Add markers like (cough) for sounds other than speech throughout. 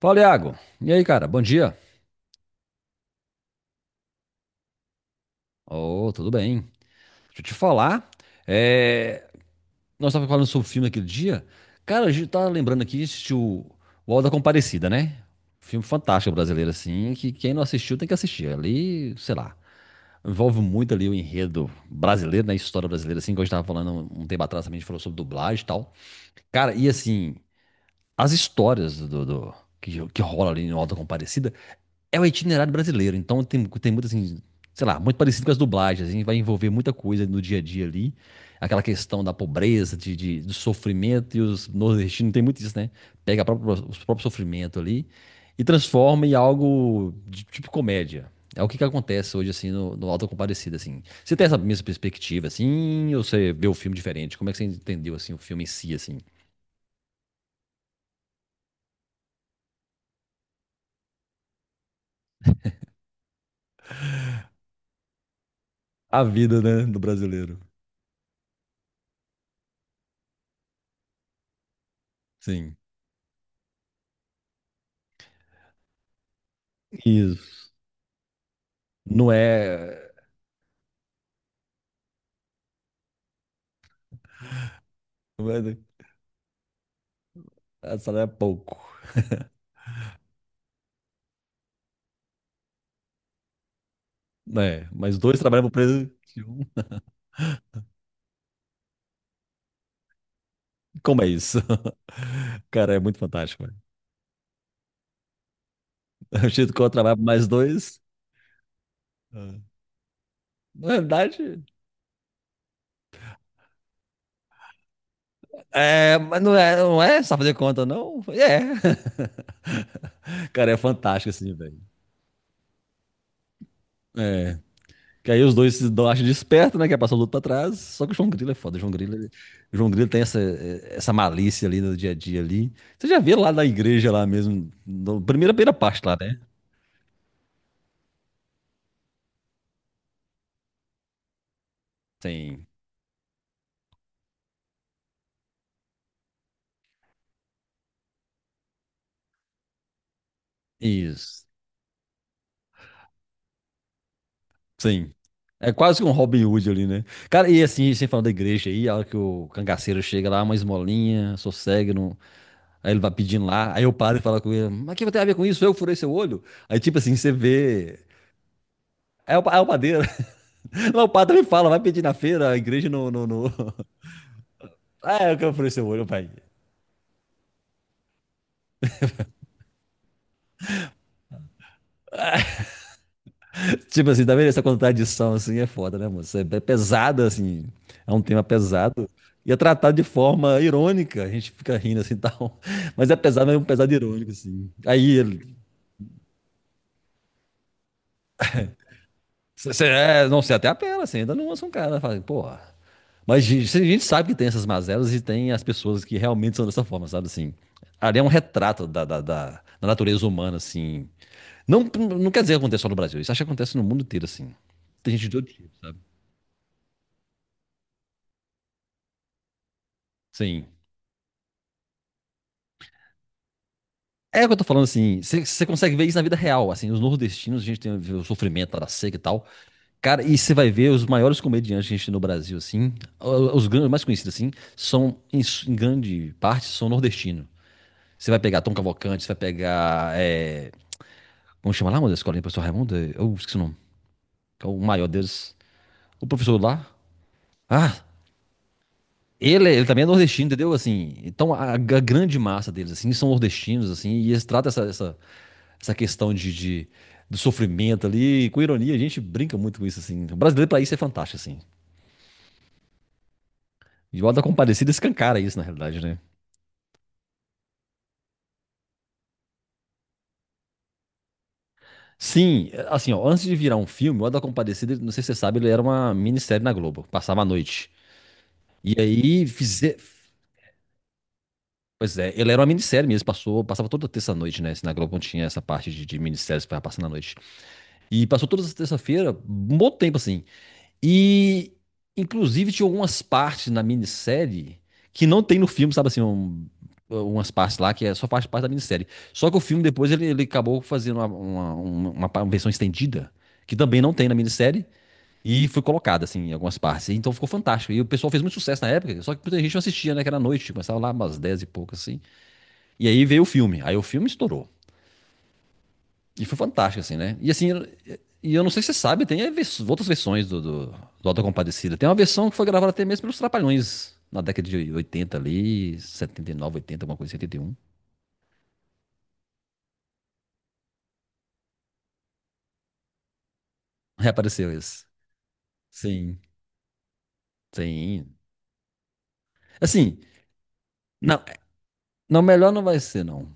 Fala, Iago. E aí, cara? Bom dia. Oh, tudo bem? Deixa eu te falar. é, Nós estávamos falando sobre o filme aquele dia. Cara, a gente tá lembrando aqui, assistiu o Auto da Compadecida, né? Filme fantástico brasileiro, assim, que quem não assistiu tem que assistir. Ali, sei lá, envolve muito ali o enredo brasileiro, né? A história brasileira, assim, que a gente tava falando um tempo atrás também, a gente falou sobre dublagem e tal. Cara, e assim, as histórias que rola ali no Auto da Compadecida é o itinerário brasileiro, então tem, tem muito assim, sei lá, muito parecido com as dublagens, a gente vai envolver muita coisa no dia a dia ali. Aquela questão da pobreza, do sofrimento, e os nordestinos tem muito isso, né? Pega a própria, os próprios sofrimentos ali e transforma em algo de tipo comédia. É o que, que acontece hoje, assim, no Auto da Compadecida, assim. Você tem essa mesma perspectiva, assim, ou você vê o filme diferente? Como é que você entendeu, assim, o filme em si, assim? A vida, né, do brasileiro. Sim. Isso. Não é... não é- É, salário é pouco. Né? Mas dois trabalham por preço de um. Como é isso? (laughs) Cara, é muito fantástico, velho. (laughs) O jeito que eu trabalho por mais dois. Ah. Na verdade, é, mas não é, não é só fazer conta, não. É. (laughs) Cara, é fantástico assim, velho. É. Que aí os dois se acham desperto, né? Que é passar o luto pra trás. Só que o João Grilo é foda. O João Grilo, o João Grilo tem essa, essa malícia ali no dia a dia ali. Você já vê lá na igreja lá mesmo, no, primeira parte lá, né? Tem isso. Sim. É quase que um Robin Hood ali, né? Cara, e assim, sem falar da igreja aí, a hora que o cangaceiro chega lá, uma esmolinha, sossegue, não... Aí ele vai pedindo lá, aí eu paro e falo com ele, mas o que tem a ver com isso? Eu furei seu olho? Aí tipo assim, você vê... É é o padeiro. (laughs) Lá o padre me fala, vai pedir na feira, a igreja no... (laughs) Ah, é o que eu furei seu olho, pai. Tipo assim, tá vendo, essa contradição assim é foda, né, moço? É pesada, assim, é um tema pesado. E é tratado de forma irônica, a gente fica rindo assim (laughs) e tal. Mas é pesado, mas é um pesado irônico, assim. Aí ele. É, não sei, até apela, assim, ainda não lança um cara, fala, porra. A gente sabe que tem essas mazelas e tem as pessoas que realmente são dessa forma, sabe assim? Ali é um retrato da natureza humana, assim. Não, não quer dizer que acontece só no Brasil, isso acho que acontece no mundo inteiro, assim. Tem gente de todo tipo, sabe? Sim. É o que eu tô falando assim, você consegue ver isso na vida real, assim, os nordestinos, a gente tem o sofrimento lá da seca e tal. Cara, e você vai ver os maiores comediantes que a gente tem no Brasil, assim, mais conhecidos, assim, são, em grande parte, são nordestinos. Você vai pegar Tom Cavalcante, você vai pegar, é, como chama lá, meu Deus, escolinha, professor Raimundo? Eu esqueci o nome, que é o maior deles. O professor lá, ah, ele também é nordestino, entendeu? Assim, então a grande massa deles, assim, são nordestinos, assim, e eles tratam essa essa questão do sofrimento ali. E, com ironia, a gente brinca muito com isso, assim. O brasileiro, pra isso, é fantástico, assim. E o Auto da Compadecida escancara isso, na realidade, né? Sim, é, assim, ó, antes de virar um filme, o Auto da Compadecida, não sei se você sabe, ele era uma minissérie na Globo, passava a noite. E aí, fizer... Pois é, ele era uma minissérie mesmo, passou, passava toda terça-noite, né? Se na Globo não tinha essa parte de minisséries pra passar na noite. E passou todas as terça-feira, um bom tempo, assim. E, inclusive, tinha algumas partes na minissérie que não tem no filme, sabe assim, umas partes lá que é só faz parte da minissérie. Só que o filme depois ele acabou fazendo uma versão estendida, que também não tem na minissérie, e foi colocada, assim, em algumas partes. Então ficou fantástico. E o pessoal fez muito sucesso na época, só que muita gente não assistia, né, que era noite, começava lá umas 10 e pouco, assim. E aí veio o filme, aí o filme estourou. E foi fantástico, assim, né? E assim, e eu não sei se você sabe, tem outras versões do Auto da Compadecida. Tem uma versão que foi gravada até mesmo pelos Trapalhões, na década de 80 ali, setenta e nove, 80 alguma coisa, setenta e um. (laughs) Reapareceu esse. Sim. Sim. Assim, não, não, melhor não vai ser, não.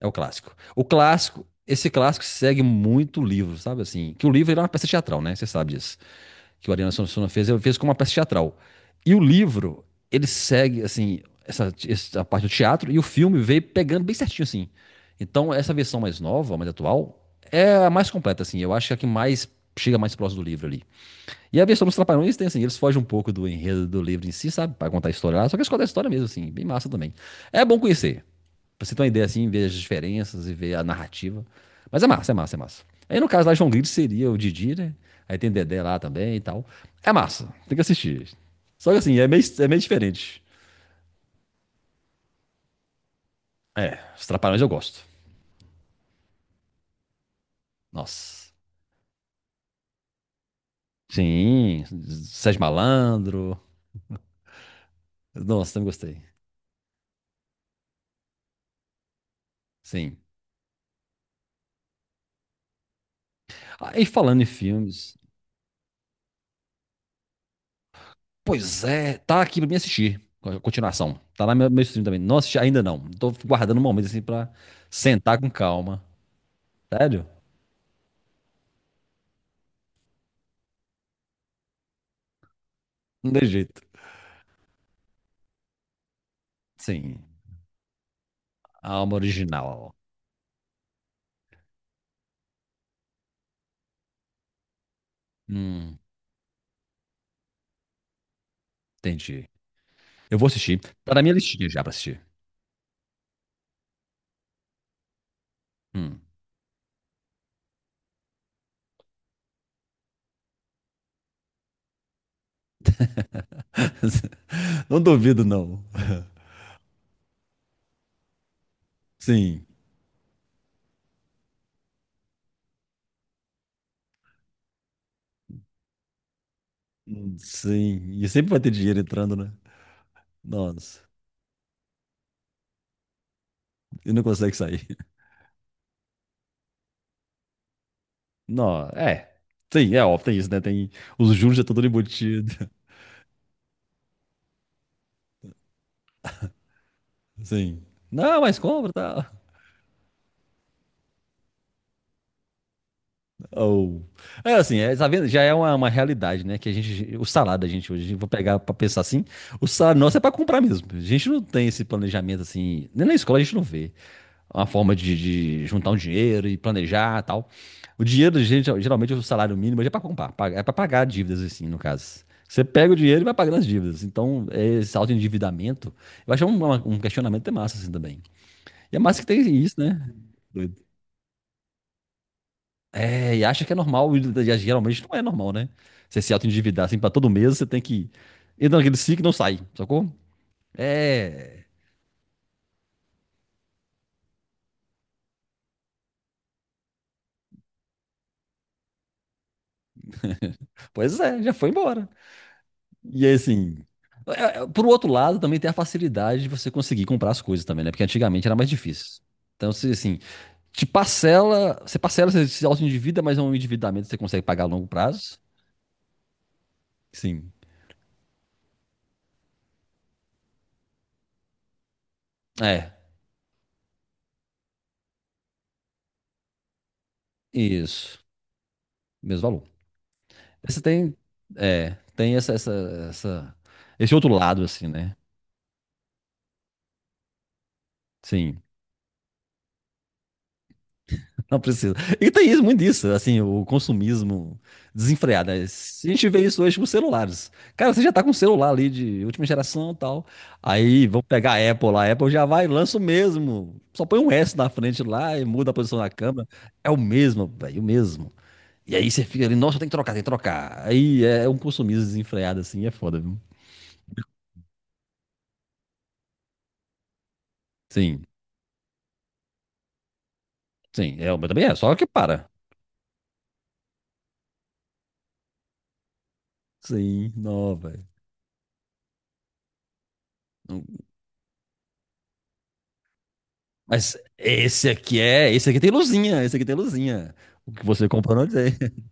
É o clássico. O clássico, esse clássico segue muito o livro, sabe? Assim, que o livro ele é uma peça teatral, né? Você sabe disso. Que o Ariano Suassuna fez, ele fez como uma peça teatral. E o livro, ele segue, assim, essa parte do teatro, e o filme veio pegando bem certinho, assim. Então, essa versão mais nova, mais atual, é a mais completa, assim. Eu acho que é a que mais chega mais próximo do livro ali. E a versão dos Trapalhões tem, assim, eles fogem um pouco do enredo do livro em si, sabe? Pra contar a história lá, só que eles contam a história mesmo, assim, bem massa também. É bom conhecer. Pra você ter uma ideia assim, ver as diferenças e ver a narrativa. Mas é massa, é massa, é massa. Aí no caso lá, João Grilo seria o Didi, né? Aí tem Dedé lá também e tal. É massa, tem que assistir. Só que assim, é meio diferente. É, os Trapalhões eu gosto. Nossa. Sim, Sérgio Malandro. Nossa, também gostei. Sim. Aí falando em filmes, pois é, tá aqui pra mim assistir. A continuação. Tá lá meu stream também. Não assisti ainda não. Tô guardando um momento assim pra sentar com calma. Sério? Não tem jeito. Sim, a alma original. Hum, entendi. Eu vou assistir. Tá na minha listinha já pra assistir. Hum. (laughs) Não duvido, não. (laughs) Sim, sim. E sempre vai ter dinheiro entrando, né? Nossa, e não consegue sair. (laughs) Não, é. Sim, é óbvio, tem isso, né? Tem os juros já tudo embutido. (laughs) Sim. Não, mas compra, tá? Ou. É assim, é, tá vendo? Já é uma realidade, né? Que a gente. O salário da gente hoje, vou pegar pra pensar assim, o salário nosso é pra comprar mesmo. A gente não tem esse planejamento assim. Nem na escola a gente não vê. Uma forma de juntar um dinheiro e planejar e tal. O dinheiro, gente, geralmente, o salário mínimo hoje é pra comprar, é pra pagar dívidas, assim, no caso. Você pega o dinheiro e vai pagando as dívidas. Então, é, esse autoendividamento, eu acho um questionamento até massa, assim, também. E é massa que tem isso, né? É, e acha que é normal, e geralmente não é normal, né? Você se auto-endividar assim pra todo mês, você tem que entra naquele ciclo e não sai, sacou? É, (laughs) pois é, já foi embora. E aí, assim, é, por outro lado, também tem a facilidade de você conseguir comprar as coisas também, né? Porque antigamente era mais difícil. Então, se assim, te parcela, você se auto-endivida, mas é um endividamento que você consegue pagar a longo prazo. Sim. É, isso. Mesmo valor. Você tem, é, tem essa- esse outro lado, assim, né? Sim, (laughs) não precisa. E tem isso, muito isso, assim, o consumismo desenfreado, né? Se a gente vê isso hoje com celulares. Cara, você já tá com um celular ali de última geração e tal. Aí, vamos pegar a Apple lá. A Apple já vai, e lança o mesmo. Só põe um S na frente lá e muda a posição da câmera. É o mesmo, velho, o mesmo. E aí você fica ali, nossa, tem que trocar, tem que trocar. Aí é um consumismo desenfreado, assim, é foda, viu? Sim, sim, é, mas também é, só que para. Sim, não, velho. Não- Mas esse aqui é. Esse aqui tem luzinha, esse aqui tem luzinha. O que você comprou não dizer. (laughs)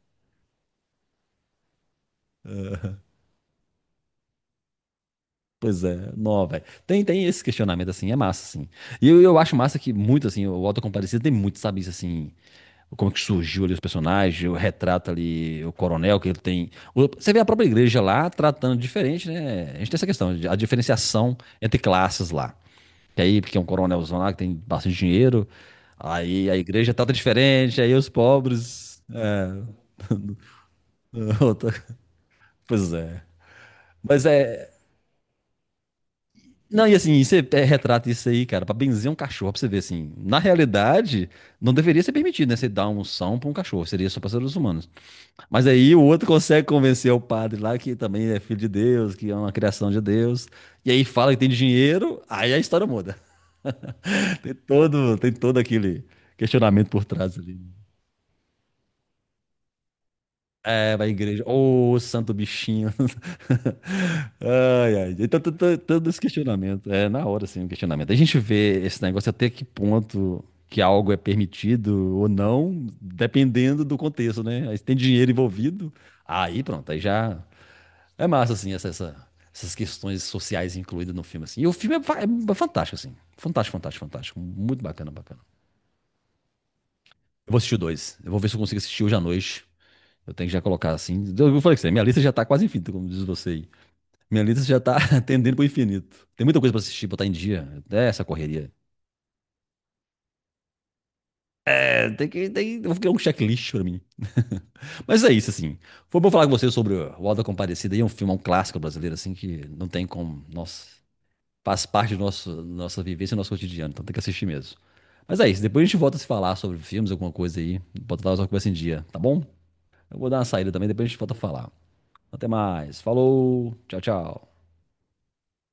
Pois é, não, velho. Tem, tem esse questionamento, assim, é massa, assim. E eu acho massa que muito, assim, o Auto da Compadecida tem muito, sabe, isso, assim, como que surgiu ali os personagens, o retrato ali, o coronel que ele tem. Você vê a própria igreja lá tratando diferente, né? A gente tem essa questão, a diferenciação entre classes lá. Que aí, porque é um coronelzão lá que tem bastante dinheiro, aí a igreja trata diferente, aí os pobres. (laughs) Outra- Pois é. Mas é. Não, e assim, você é, retrata isso aí, cara, pra benzer um cachorro, pra você ver assim. Na realidade, não deveria ser permitido, né? Você dar um são pra um cachorro, seria só pra seres humanos. Mas aí o outro consegue convencer o padre lá que também é filho de Deus, que é uma criação de Deus. E aí fala que tem dinheiro, aí a história muda. (laughs) Tem todo aquele questionamento por trás ali. É, vai à igreja. Ô, santo bichinho. (laughs) Ai, ai. Então, todo esse questionamento. É, na hora, assim, o questionamento. A gente vê esse negócio até que ponto que algo é permitido ou não, dependendo do contexto, né? Aí se tem dinheiro envolvido, aí pronto, aí já. É massa, assim, essas questões sociais incluídas no filme, assim. E o filme é, é fantástico, assim. Fantástico, fantástico, fantástico. Muito bacana, bacana. Eu vou assistir o dois. Eu vou ver se eu consigo assistir hoje à noite. Eu tenho que já colocar assim. Eu falei que minha lista já tá quase infinita, como diz você aí. Minha lista já tá (laughs) tendendo pro infinito. Tem muita coisa pra assistir, botar em dia. É essa correria. É, tem que. Tem, eu vou criar um checklist pra mim. (laughs) Mas é isso, assim. Foi bom falar com você sobre o Alda Comparecida. Aí é um filme, é um clássico brasileiro, assim, que não tem como. Nossa, faz parte do nosso, nossa vivência, do nosso cotidiano. Então tem que assistir mesmo. Mas é isso. Depois a gente volta a se falar sobre filmes, alguma coisa aí. Botar nossa conversa em dia, tá bom? Eu vou dar uma saída também, depois a gente volta a falar. Até mais. Falou. Tchau, tchau.